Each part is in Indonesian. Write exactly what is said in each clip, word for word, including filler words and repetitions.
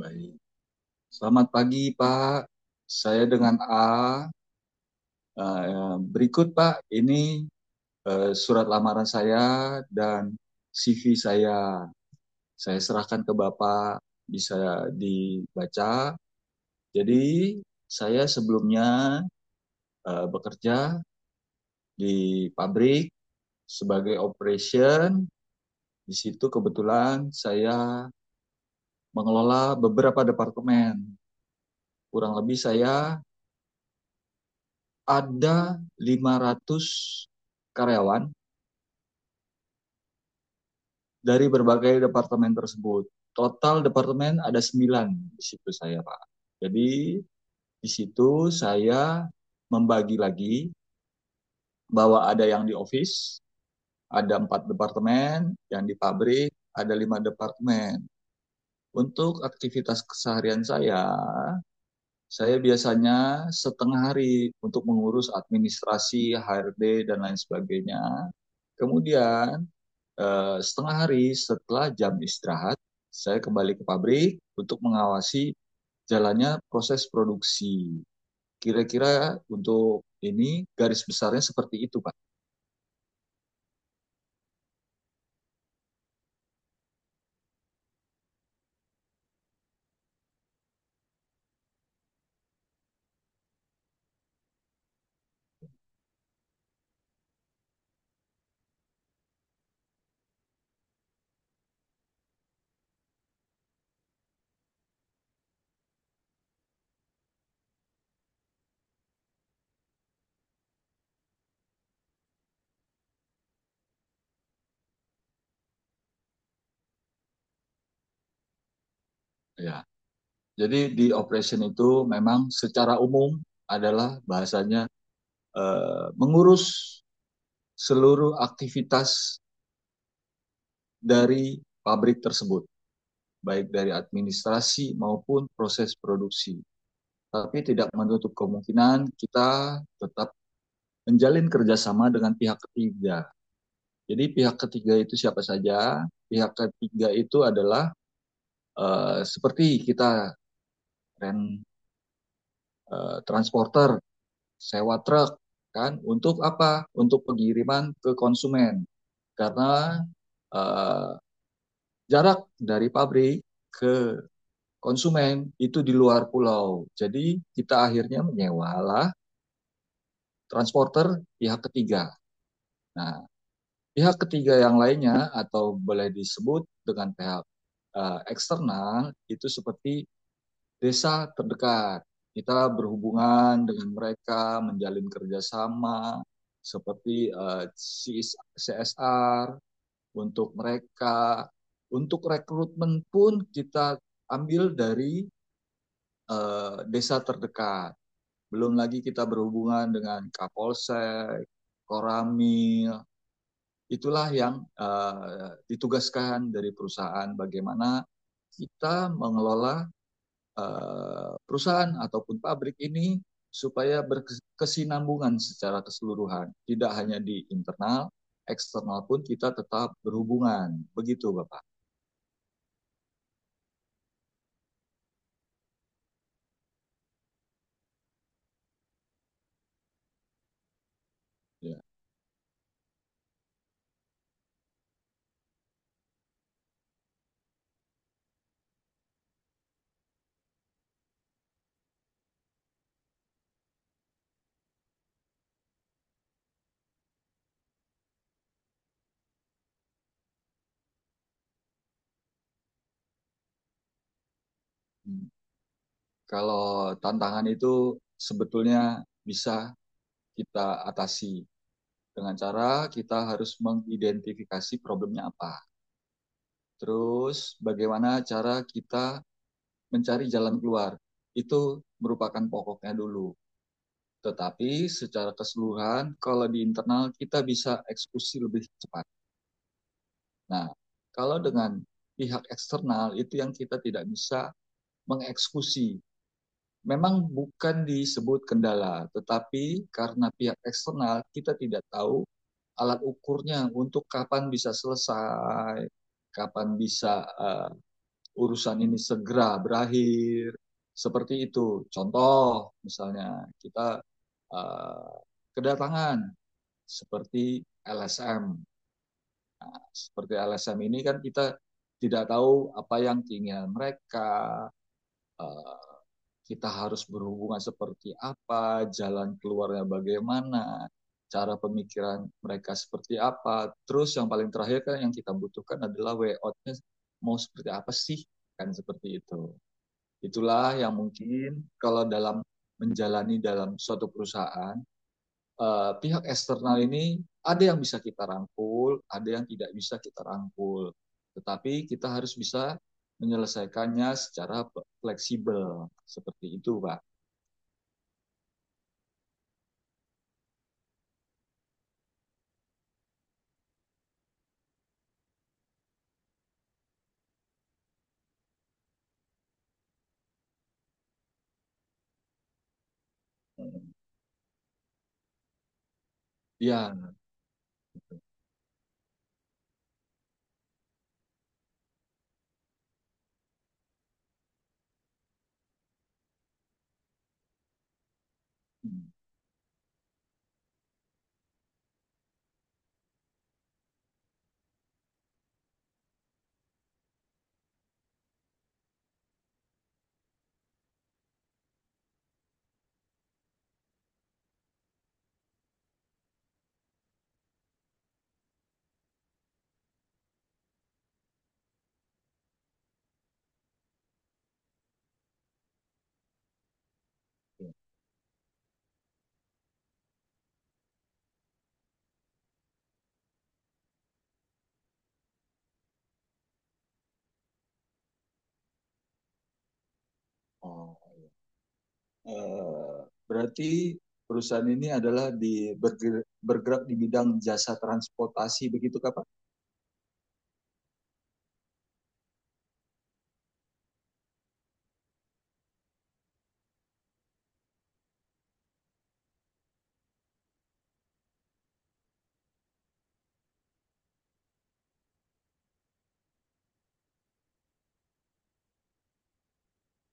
Baik. Selamat pagi, Pak. Saya dengan A. Eh, Berikut, Pak, ini eh, surat lamaran saya dan C V saya. Saya serahkan ke Bapak, bisa dibaca. Jadi, saya sebelumnya eh, bekerja di pabrik sebagai operation. Di situ kebetulan saya mengelola beberapa departemen. Kurang lebih saya ada lima ratus karyawan dari berbagai departemen tersebut. Total departemen ada sembilan, di situ saya, Pak. Jadi di situ saya membagi lagi bahwa ada yang di office, ada empat departemen, yang di pabrik ada lima departemen. Untuk aktivitas keseharian saya saya biasanya setengah hari untuk mengurus administrasi, H R D, dan lain sebagainya. Kemudian eh, setengah hari setelah jam istirahat, saya kembali ke pabrik untuk mengawasi jalannya proses produksi. Kira-kira untuk ini garis besarnya seperti itu, Pak. Ya. Jadi di operation itu memang secara umum adalah bahasanya eh, mengurus seluruh aktivitas dari pabrik tersebut, baik dari administrasi maupun proses produksi. Tapi tidak menutup kemungkinan kita tetap menjalin kerjasama dengan pihak ketiga. Jadi pihak ketiga itu siapa saja? Pihak ketiga itu adalah uh, seperti kita rent uh, transporter, sewa truk, kan? Untuk apa? Untuk pengiriman ke konsumen. Karena uh, jarak dari pabrik ke konsumen itu di luar pulau. Jadi kita akhirnya menyewalah transporter pihak ketiga. Nah, pihak ketiga yang lainnya atau boleh disebut dengan pihak uh, eksternal itu seperti desa terdekat. Kita berhubungan dengan mereka, menjalin kerjasama seperti uh, C S R untuk mereka. Untuk rekrutmen pun kita ambil dari uh, desa terdekat. Belum lagi kita berhubungan dengan Kapolsek, Koramil, itulah yang uh, ditugaskan dari perusahaan, bagaimana kita mengelola uh, perusahaan ataupun pabrik ini supaya berkesinambungan secara keseluruhan. Tidak hanya di internal, eksternal pun kita tetap berhubungan. Begitu Bapak. Ya. Hmm. Kalau tantangan itu sebetulnya bisa kita atasi dengan cara kita harus mengidentifikasi problemnya apa. Terus bagaimana cara kita mencari jalan keluar. Itu merupakan pokoknya dulu. Tetapi secara keseluruhan, kalau di internal kita bisa eksekusi lebih cepat. Nah, kalau dengan pihak eksternal itu yang kita tidak bisa mengeksekusi. Memang bukan disebut kendala, tetapi karena pihak eksternal kita tidak tahu alat ukurnya untuk kapan bisa selesai, kapan bisa uh, urusan ini segera berakhir. Seperti itu contoh, misalnya kita uh, kedatangan seperti L S M. seperti L S M ini kan kita tidak tahu apa yang keinginan mereka, uh, kita harus berhubungan seperti apa, jalan keluarnya bagaimana, cara pemikiran mereka seperti apa. Terus yang paling terakhir kan yang kita butuhkan adalah way out-nya mau seperti apa sih, kan? Seperti itu. Itulah yang mungkin kalau dalam menjalani dalam suatu perusahaan, eh, pihak eksternal ini ada yang bisa kita rangkul, ada yang tidak bisa kita rangkul. Tetapi kita harus bisa menyelesaikannya secara fleksibel. Seperti itu, Pak. Hmm. Ya. Hmm. Oh. Eh, berarti perusahaan ini adalah di berger- bergerak di bidang jasa transportasi, begitu Kak, Pak?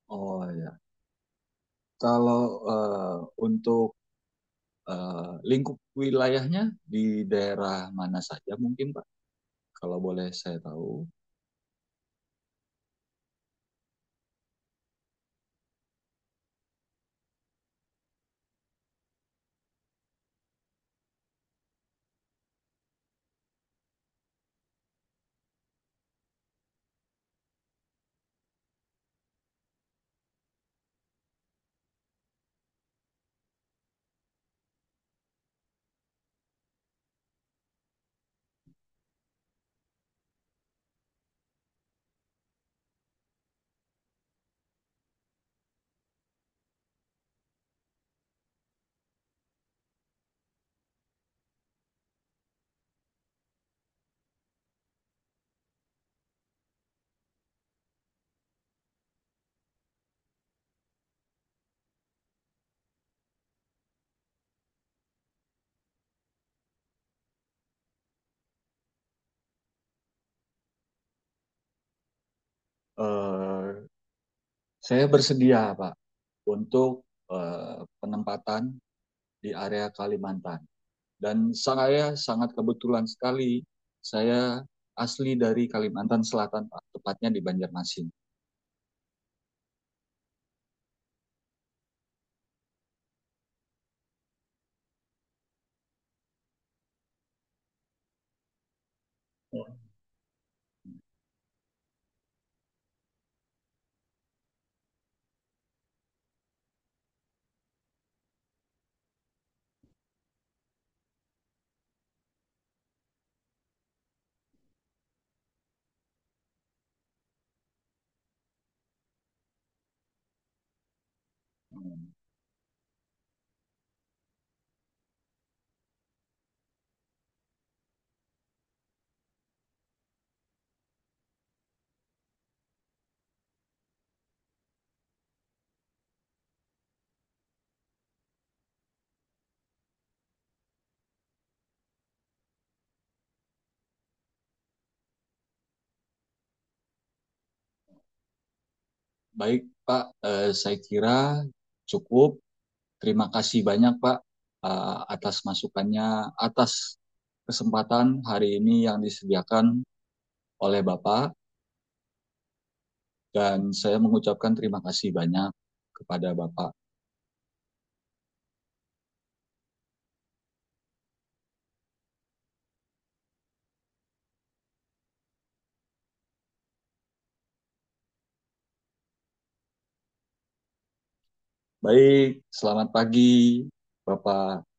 Oh ya. Kalau eh, untuk eh, lingkup wilayahnya di daerah mana saja mungkin Pak, kalau boleh saya tahu. Eh, saya bersedia Pak untuk eh, penempatan di area Kalimantan. Dan saya sangat kebetulan sekali, saya asli dari Kalimantan Selatan Pak, tepatnya di Banjarmasin. Hmm. Baik Pak, eh, saya kira cukup. Terima kasih banyak, Pak, eh, atas masukannya, atas kesempatan hari ini yang disediakan oleh Bapak, dan saya mengucapkan terima kasih banyak kepada Bapak. Baik, selamat pagi, Bapak.